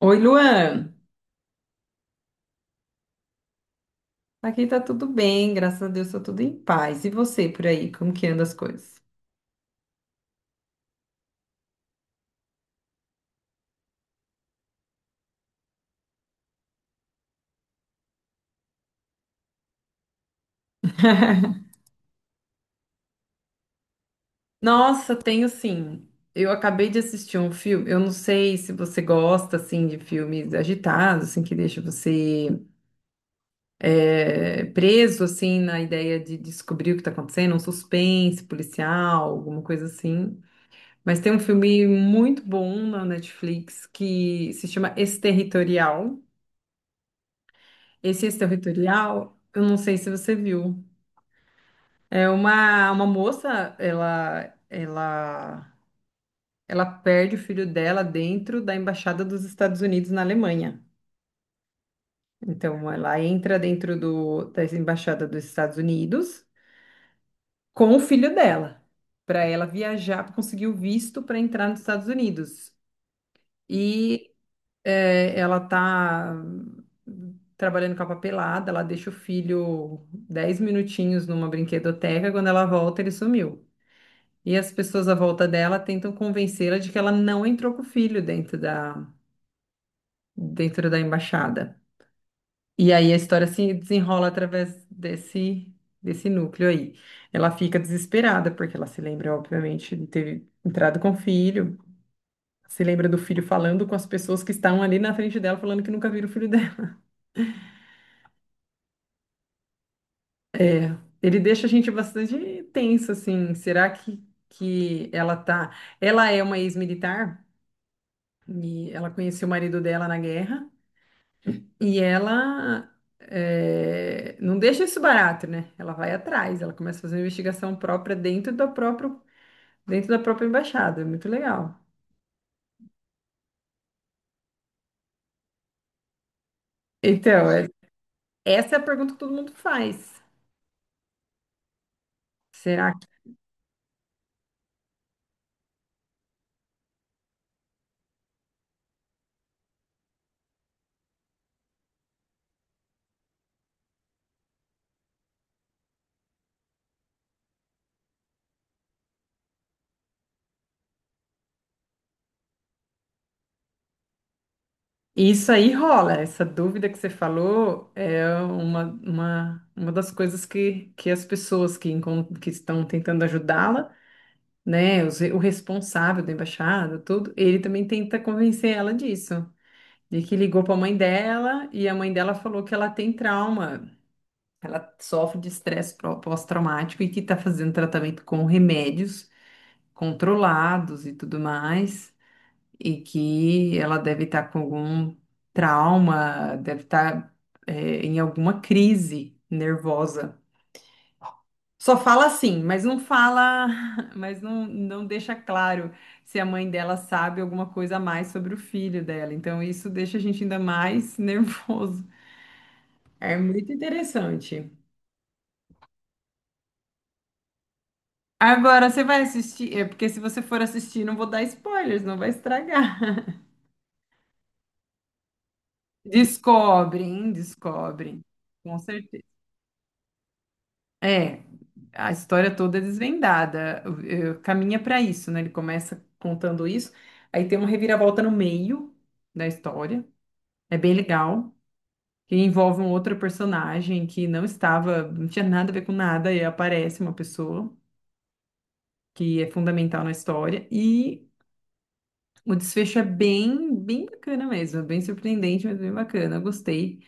Oi, Luan. Aqui tá tudo bem, graças a Deus, tá tudo em paz. E você por aí, como que anda as coisas? Nossa, tenho sim. Eu acabei de assistir um filme. Eu não sei se você gosta assim de filmes agitados, assim que deixa você preso assim na ideia de descobrir o que tá acontecendo, um suspense policial, alguma coisa assim. Mas tem um filme muito bom na Netflix que se chama Exterritorial. Esse Exterritorial, eu não sei se você viu. É uma moça, ela perde o filho dela dentro da embaixada dos Estados Unidos na Alemanha. Então, ela entra dentro da embaixada dos Estados Unidos com o filho dela, para ela viajar, para conseguir o visto para entrar nos Estados Unidos. E ela tá trabalhando com a papelada, ela deixa o filho 10 minutinhos numa brinquedoteca, quando ela volta, ele sumiu. E as pessoas à volta dela tentam convencê-la de que ela não entrou com o filho dentro da embaixada. E aí a história se desenrola através desse núcleo aí. Ela fica desesperada, porque ela se lembra, obviamente, de ter entrado com o filho. Se lembra do filho falando com as pessoas que estavam ali na frente dela, falando que nunca viram o filho dela. Ele deixa a gente bastante tenso, assim. Será que ela tá. Ela é uma ex-militar e ela conheceu o marido dela na guerra. E ela não deixa isso barato, né? Ela vai atrás, ela começa a fazer uma investigação própria dentro da própria, dentro da própria embaixada. É muito legal. Então, é- Essa é a pergunta que todo mundo faz. Será que isso aí rola? Essa dúvida que você falou é uma das coisas que as pessoas que, que estão tentando ajudá-la, né? O responsável da embaixada, tudo, ele também tenta convencer ela disso. E que ligou para a mãe dela e a mãe dela falou que ela tem trauma, ela sofre de estresse pós-traumático e que está fazendo tratamento com remédios controlados e tudo mais, e que ela deve estar com algum trauma, deve estar em alguma crise nervosa. Só fala assim, mas não fala, mas não deixa claro se a mãe dela sabe alguma coisa a mais sobre o filho dela. Então isso deixa a gente ainda mais nervoso. É muito interessante. Agora você vai assistir, é porque se você for assistir, não vou dar spoilers, não vai estragar. Descobrem, descobrem, com certeza. É, a história toda é desvendada, caminha para isso, né? Ele começa contando isso, aí tem uma reviravolta no meio da história, é bem legal, que envolve um outro personagem que não estava, não tinha nada a ver com nada, e aparece uma pessoa que é fundamental na história, e o desfecho é bem bacana mesmo, é bem surpreendente, mas bem bacana, eu gostei.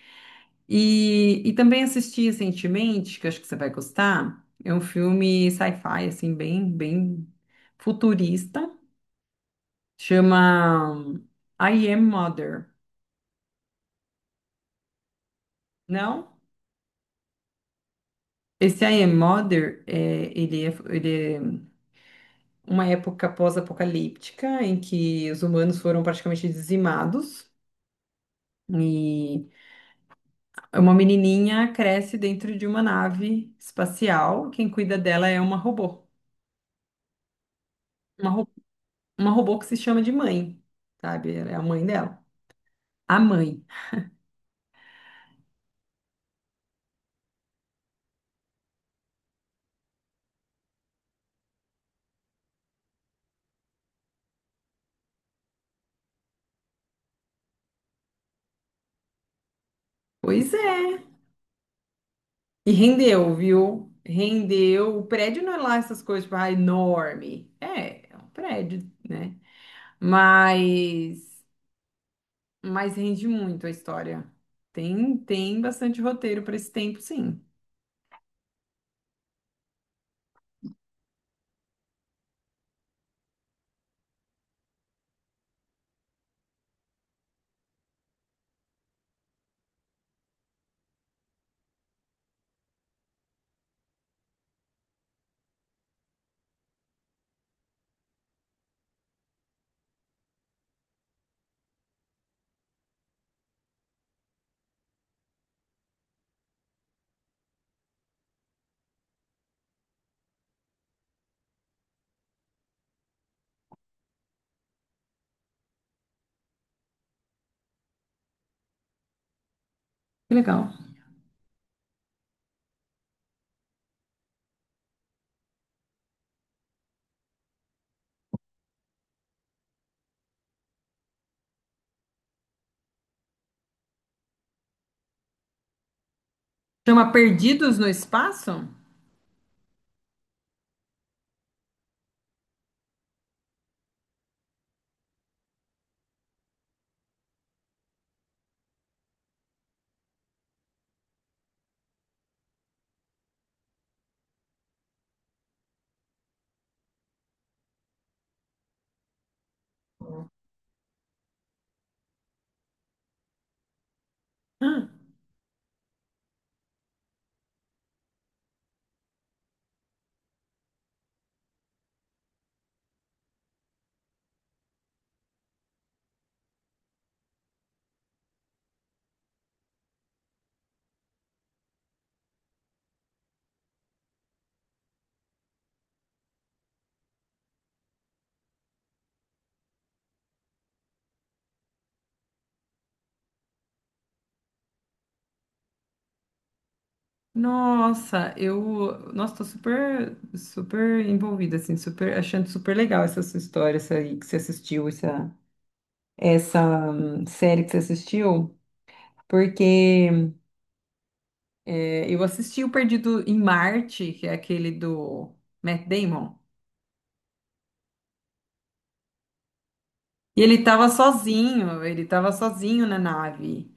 E também assisti recentemente, que eu acho que você vai gostar, é um filme sci-fi, assim, bem futurista, chama I Am Mother, não? Esse I Am Mother, é, ele é uma época pós-apocalíptica em que os humanos foram praticamente dizimados, e uma menininha cresce dentro de uma nave espacial. Quem cuida dela é uma robô. Uma, ro- uma robô que se chama de mãe, sabe? É a mãe dela. A mãe. Pois é. E rendeu, viu? Rendeu. O prédio não é lá essas coisas, tipo, ah, enorme. É um prédio, né? Mas, mas rende muito a história. Tem bastante roteiro para esse tempo, sim. Que legal. Chama Perdidos no Espaço? Ah, nossa, nossa, tô super envolvida, assim, super, achando super legal essa sua história, essa aí que você assistiu, essa série que você assistiu, porque é, eu assisti o Perdido em Marte, que é aquele do Matt Damon. E ele estava sozinho na nave.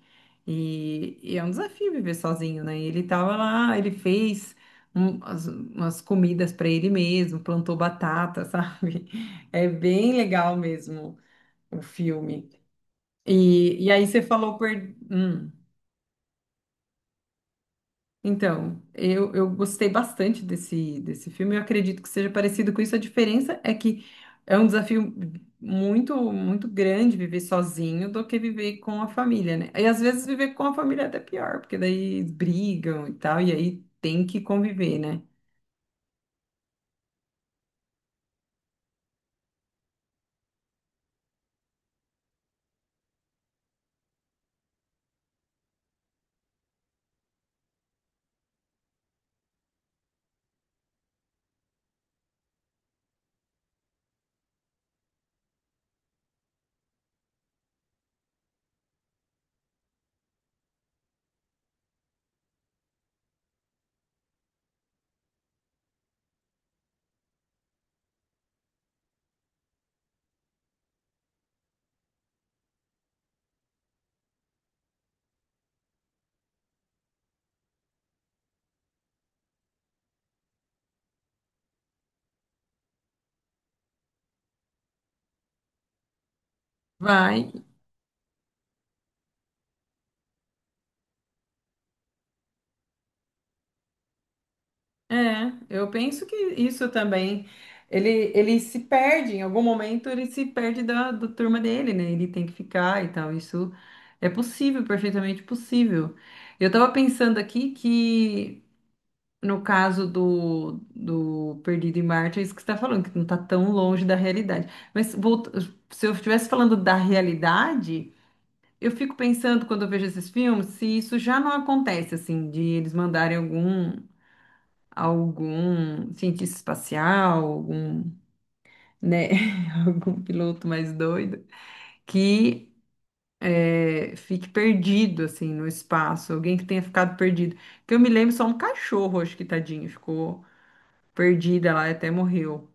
E é um desafio viver sozinho, né? E ele estava lá, ele fez umas comidas para ele mesmo, plantou batata, sabe? É bem legal mesmo o filme. E aí você falou por... hum. Então, eu gostei bastante desse filme. Eu acredito que seja parecido com isso. A diferença é que é um desafio muito grande viver sozinho do que viver com a família, né? E às vezes viver com a família é até pior, porque daí brigam e tal, e aí tem que conviver, né? Vai, é, eu penso que isso também. Ele, ele se perde, em algum momento ele se perde da turma dele, né? Ele tem que ficar e tal. Isso é possível, perfeitamente possível. Eu tava pensando aqui que, no caso do Perdido em Marte, é isso que você tá falando, que não tá tão longe da realidade. Mas volta- Se eu estivesse falando da realidade. Eu fico pensando, quando eu vejo esses filmes, se isso já não acontece, assim, de eles mandarem algum cientista espacial, algum, né, algum piloto mais doido, que fique perdido, assim, no espaço, alguém que tenha ficado perdido. Que eu me lembro só um cachorro, acho que tadinho, ficou perdida lá e até morreu.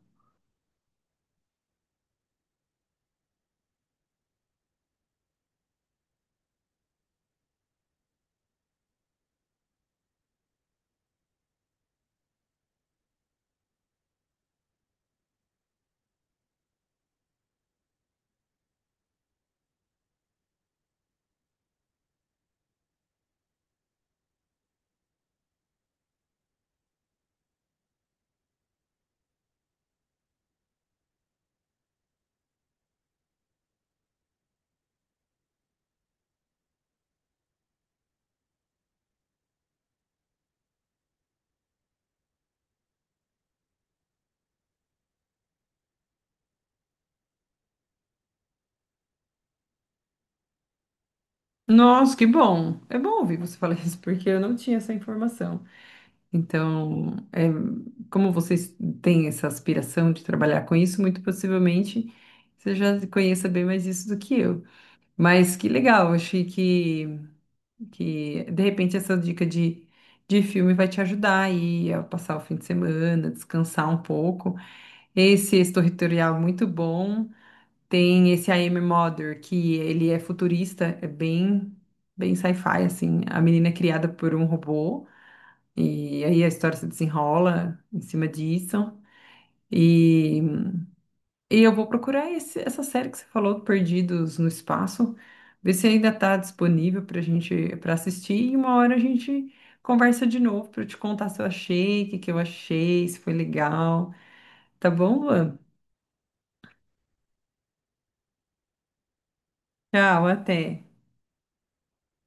Nossa, que bom! É bom ouvir você falar isso, porque eu não tinha essa informação. Então, é, como vocês têm essa aspiração de trabalhar com isso, muito possivelmente você já conheça bem mais isso do que eu. Mas que legal, achei que de repente essa dica de filme vai te ajudar aí a passar o fim de semana, descansar um pouco. Esse Exterritorial é muito bom. Tem esse I Am Mother, que ele é futurista, é bem, bem sci-fi, assim. A menina é criada por um robô, e aí a história se desenrola em cima disso. E e eu vou procurar essa série que você falou, Perdidos no Espaço, ver se ainda está disponível para gente para assistir e uma hora a gente conversa de novo para eu te contar se eu achei, o que que eu achei, se foi legal. Tá bom, Luan? Tchau, até.